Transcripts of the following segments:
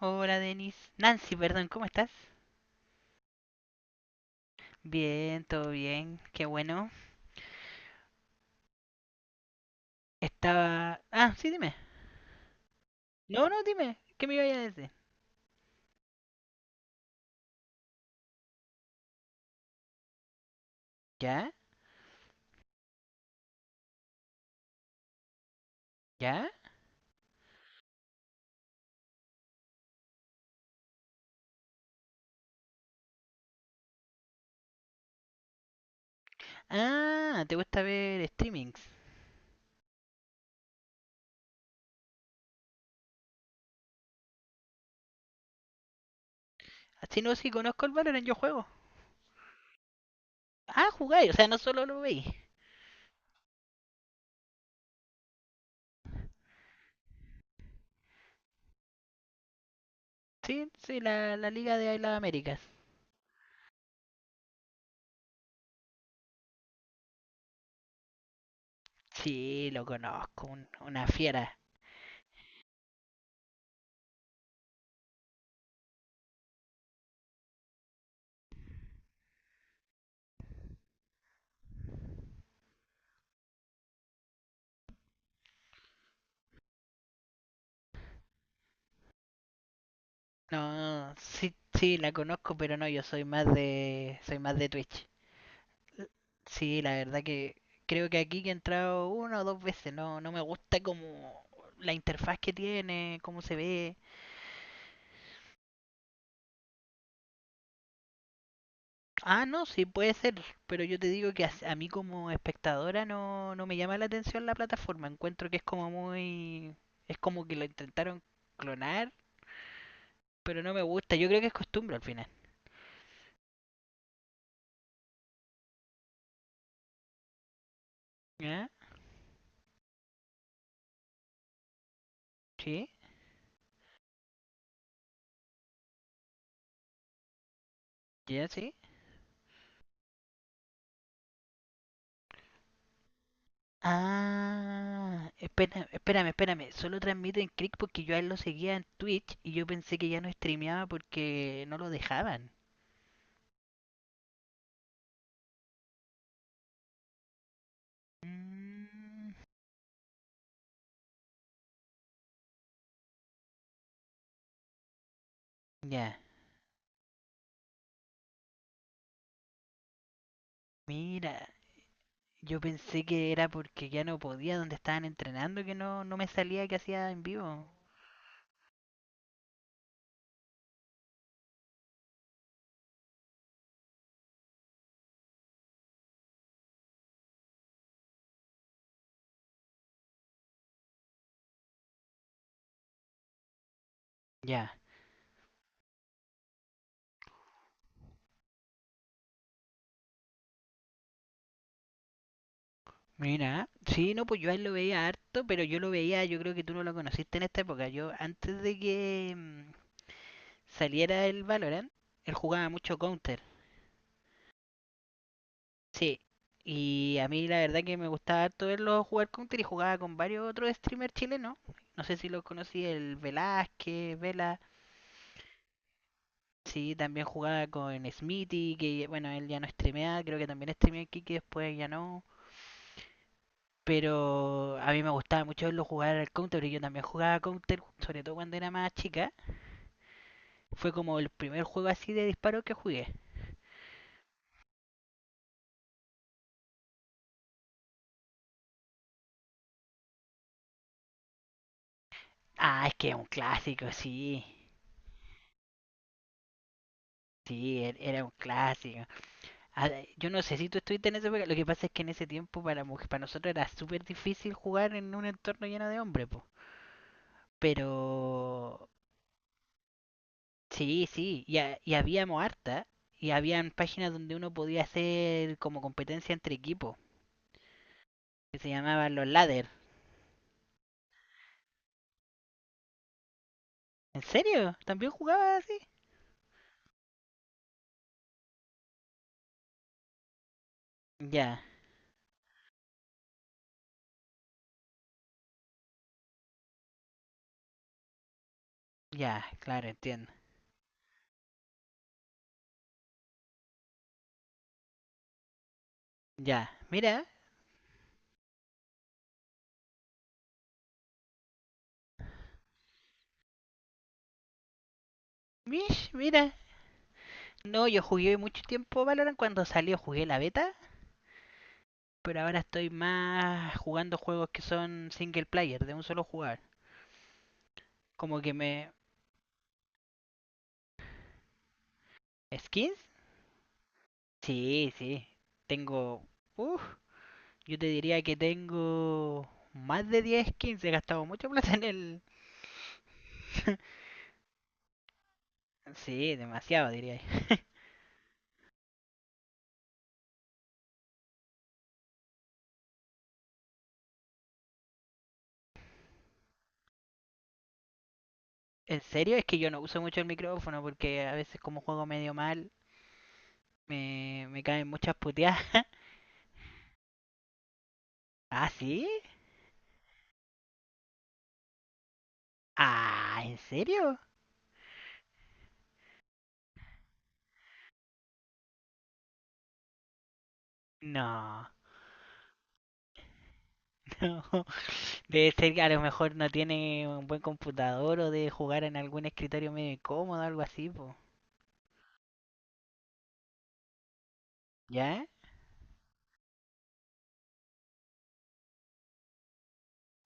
Hola Denis. Nancy, perdón, ¿cómo estás? Bien, todo bien, qué bueno. Estaba... Ah, sí, dime. No, no, dime. ¿Qué me iba a decir? ¿Ya? ¿Ya? Ah, ¿te gusta ver streamings? Así no, sí conozco el Valorant, yo juego. Ah, jugáis, o sea, no solo lo veis. Sí, sí, la Liga de las Américas. Sí, lo conozco, una fiera. No, sí, sí, la conozco, pero no, yo soy más de... Soy más de Twitch. Sí, la verdad que creo que aquí que he entrado una o dos veces, no, no me gusta como la interfaz que tiene, cómo se ve. Ah, no, sí, puede ser, pero yo te digo que a mí como espectadora no, no me llama la atención la plataforma, encuentro que es como muy... es como que lo intentaron clonar, pero no me gusta, yo creo que es costumbre al final. ¿Ya? ¿Sí? ¿Ya? ¿Sí? Ah, espérame, espérame, espérame. Solo transmite en Click porque yo a él lo seguía en Twitch y yo pensé que ya no streameaba porque no lo dejaban. Mm, ya, mira. Yo pensé que era porque ya no podía, donde estaban entrenando, que no, no me salía que hacía en vivo. Ya, mira. Sí, no, pues yo a él lo veía harto, pero yo lo veía, yo creo que tú no lo conociste en esta época. Yo antes de que saliera el Valorant, él jugaba mucho Counter. Sí, y a mí la verdad que me gustaba harto verlo jugar Counter, y jugaba con varios otros streamers chilenos. No sé si los conocí, el Velázquez, Vela. Sí, también jugaba con Smithy, que bueno, él ya no streamea, creo que también streameó aquí, que después ya no. Pero a mí me gustaba mucho verlo jugar al Counter, porque yo también jugaba Counter, sobre todo cuando era más chica. Fue como el primer juego así de disparo que jugué. Ah, es que es un clásico, sí. Sí, era un clásico. Ah, yo no sé si tú estuviste en esa época. Lo que pasa es que en ese tiempo para, para nosotros era súper difícil jugar en un entorno lleno de hombres, po. Pero sí, sí. Y, habíamos harta. Y habían páginas donde uno podía hacer como competencia entre equipos. Que se llamaban los ladder. ¿En serio? ¿También jugabas así? Ya, ya, claro, entiendo. Ya, mira. Mish, mira. No, yo jugué mucho tiempo Valorant cuando salió, jugué la beta, pero ahora estoy más jugando juegos que son single player, de un solo jugar. Como que me... ¿Skins? Sí, sí. Tengo... Uf, yo te diría que tengo más de 10 skins. He gastado mucha plata en el... sí, demasiado diría. En serio, es que yo no uso mucho el micrófono porque a veces como juego medio mal, me caen muchas puteadas. ¿Ah, sí? Ah, ¿en serio? No. Debe ser que a lo mejor no tiene un buen computador, o debe jugar en algún escritorio medio incómodo, algo así, po. ¿Ya?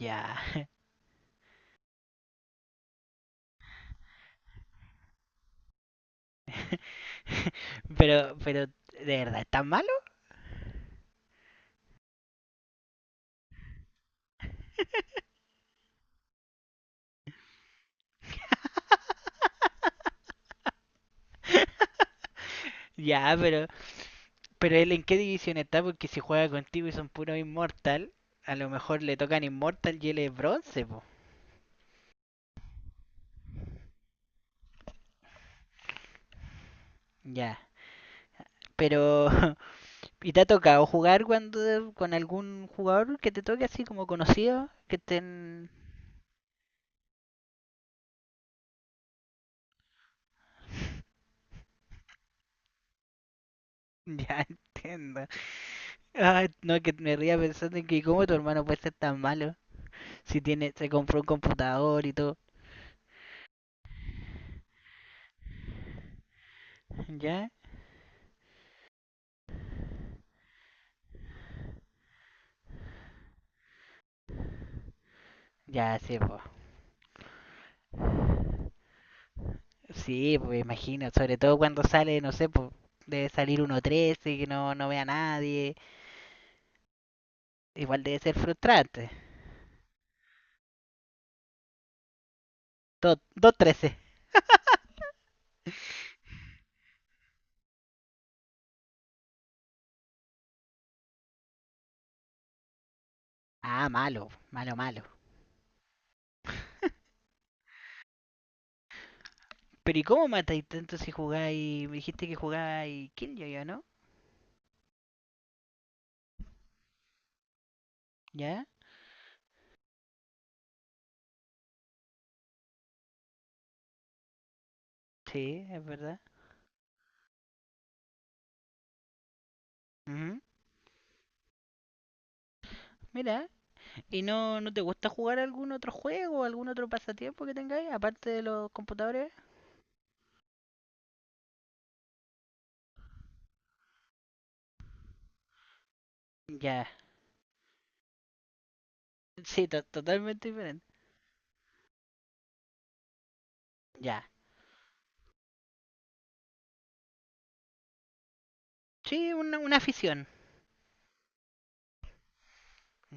Ya. Pero, ¿de verdad es tan malo? Ya, pero él en qué división está, porque si juega contigo y son puro inmortal, a lo mejor le tocan inmortal y él es bronce, po. Ya. Pero, ¿y te ha tocado jugar cuando con algún jugador que te toque así como conocido? Que estén. Ya entiendo. Ay, no, que me ría pensando en que cómo tu hermano puede ser tan malo si tiene, se compró un computador y todo. ¿Ya? Ya, sí, pues. Sí, pues imagino, sobre todo cuando sale, no sé, pues debe salir 1-13 que no, no ve a nadie. Igual debe ser frustrante. 2-13. Ah, malo, malo, malo. Pero ¿y cómo matáis tanto si jugáis? Me dijiste que jugáis Killjoy, yo, ¿no? ¿Ya? Sí, es verdad. Ujú. Mira, ¿y no, no te gusta jugar algún otro juego, algún otro pasatiempo que tengáis, aparte de los computadores? Ya, sí, totalmente diferente. Ya, sí, una afición.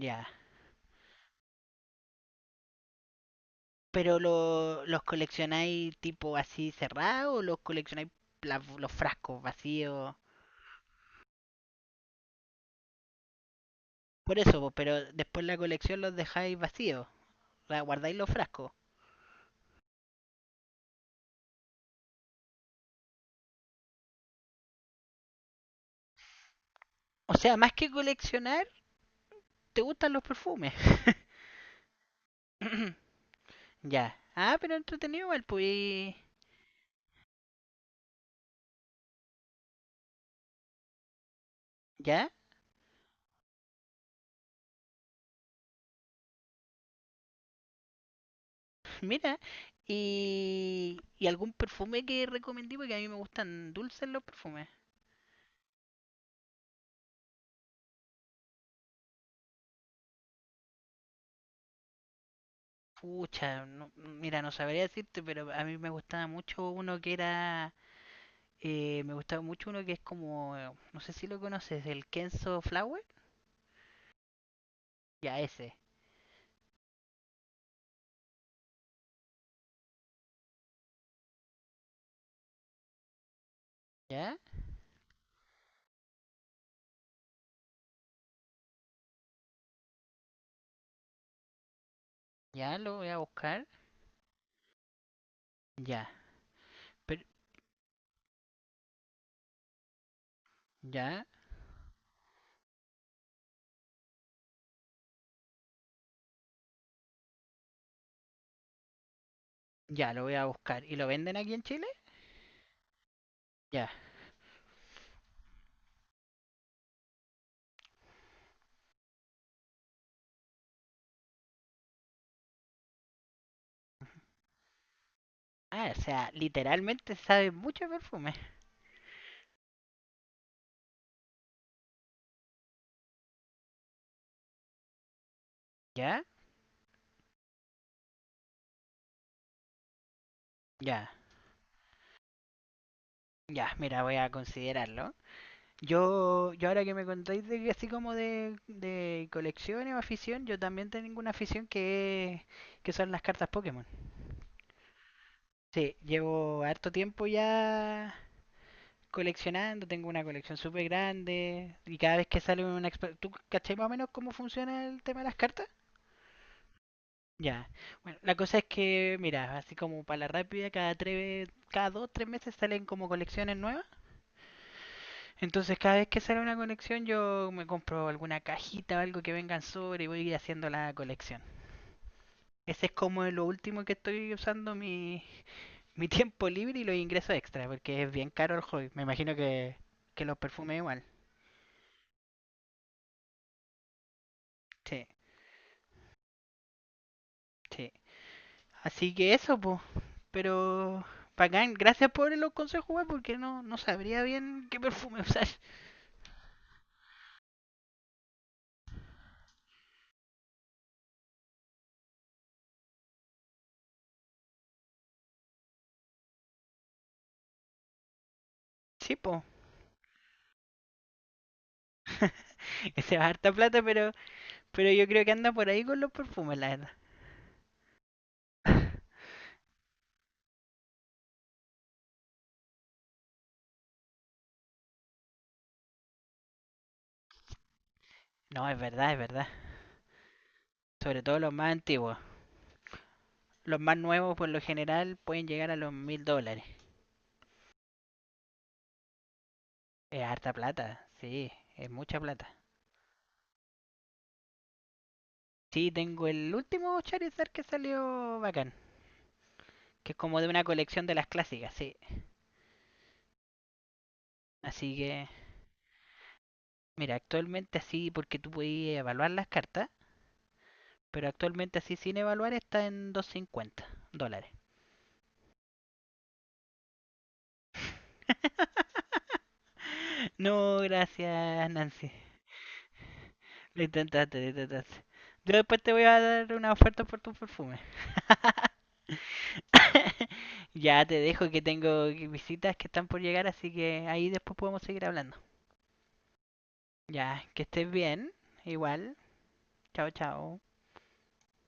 Ya, pero ¿los coleccionáis tipo así cerrado o los coleccionáis los frascos vacíos? Por eso, po, pero después la colección los dejáis vacíos. ¿La guardáis los frascos? O sea, más que coleccionar, te gustan los perfumes. Ya. Ah, pero entretenido igual, pues. Ya, mira. Y, ¿y algún perfume que recomendí?, porque a mí me gustan dulces los perfumes. Pucha, mira, no sabría decirte, pero a mí me gustaba mucho uno que era. Me gustaba mucho uno que es como. No sé si lo conoces, el Kenzo Flower. Ya, ese. Ya, ya lo voy a buscar. Ya, pero. Ya, ya, lo voy a buscar. ¿Y lo venden aquí en Chile? Ya. Ah, o sea, literalmente sabe mucho a perfume. Ya, ya, ya. Mira, voy a considerarlo. Yo ahora que me contáis de que así como de colecciones o afición, yo también tengo una afición que, que son las cartas Pokémon. Sí, llevo harto tiempo ya coleccionando, tengo una colección súper grande y cada vez que sale una... ¿Tú cachai más o menos cómo funciona el tema de las cartas? Ya. Bueno, la cosa es que, mira, así como para la rápida, cada tres, cada dos, tres meses salen como colecciones nuevas. Entonces, cada vez que sale una colección, yo me compro alguna cajita o algo que vengan sobre, y voy a ir haciendo la colección. Ese es como lo último que estoy usando mi, mi tiempo libre y los ingresos extra, porque es bien caro el hobby. Me imagino que, los perfumes igual. Sí, sí. Así que eso, pues. Pero, bacán, gracias por los consejos, weón, porque no, no sabría bien qué perfume usar. Sí, po. Se va harta plata, pero yo creo que anda por ahí con los perfumes, la verdad. No, es verdad, es verdad. Sobre todo los más antiguos. Los más nuevos, por lo general, pueden llegar a los $1000. Es harta plata, sí, es mucha plata. Sí, tengo el último Charizard que salió bacán, que es como de una colección de las clásicas, sí. Así que, mira, actualmente así, porque tú puedes evaluar las cartas, pero actualmente así sin evaluar está en $250. No, gracias, Nancy. Lo intentaste, lo intentaste. Yo después te voy a dar una oferta por tu perfume. Ya te dejo que tengo visitas que están por llegar, así que ahí después podemos seguir hablando. Ya, que estés bien. Igual. Chao, chao.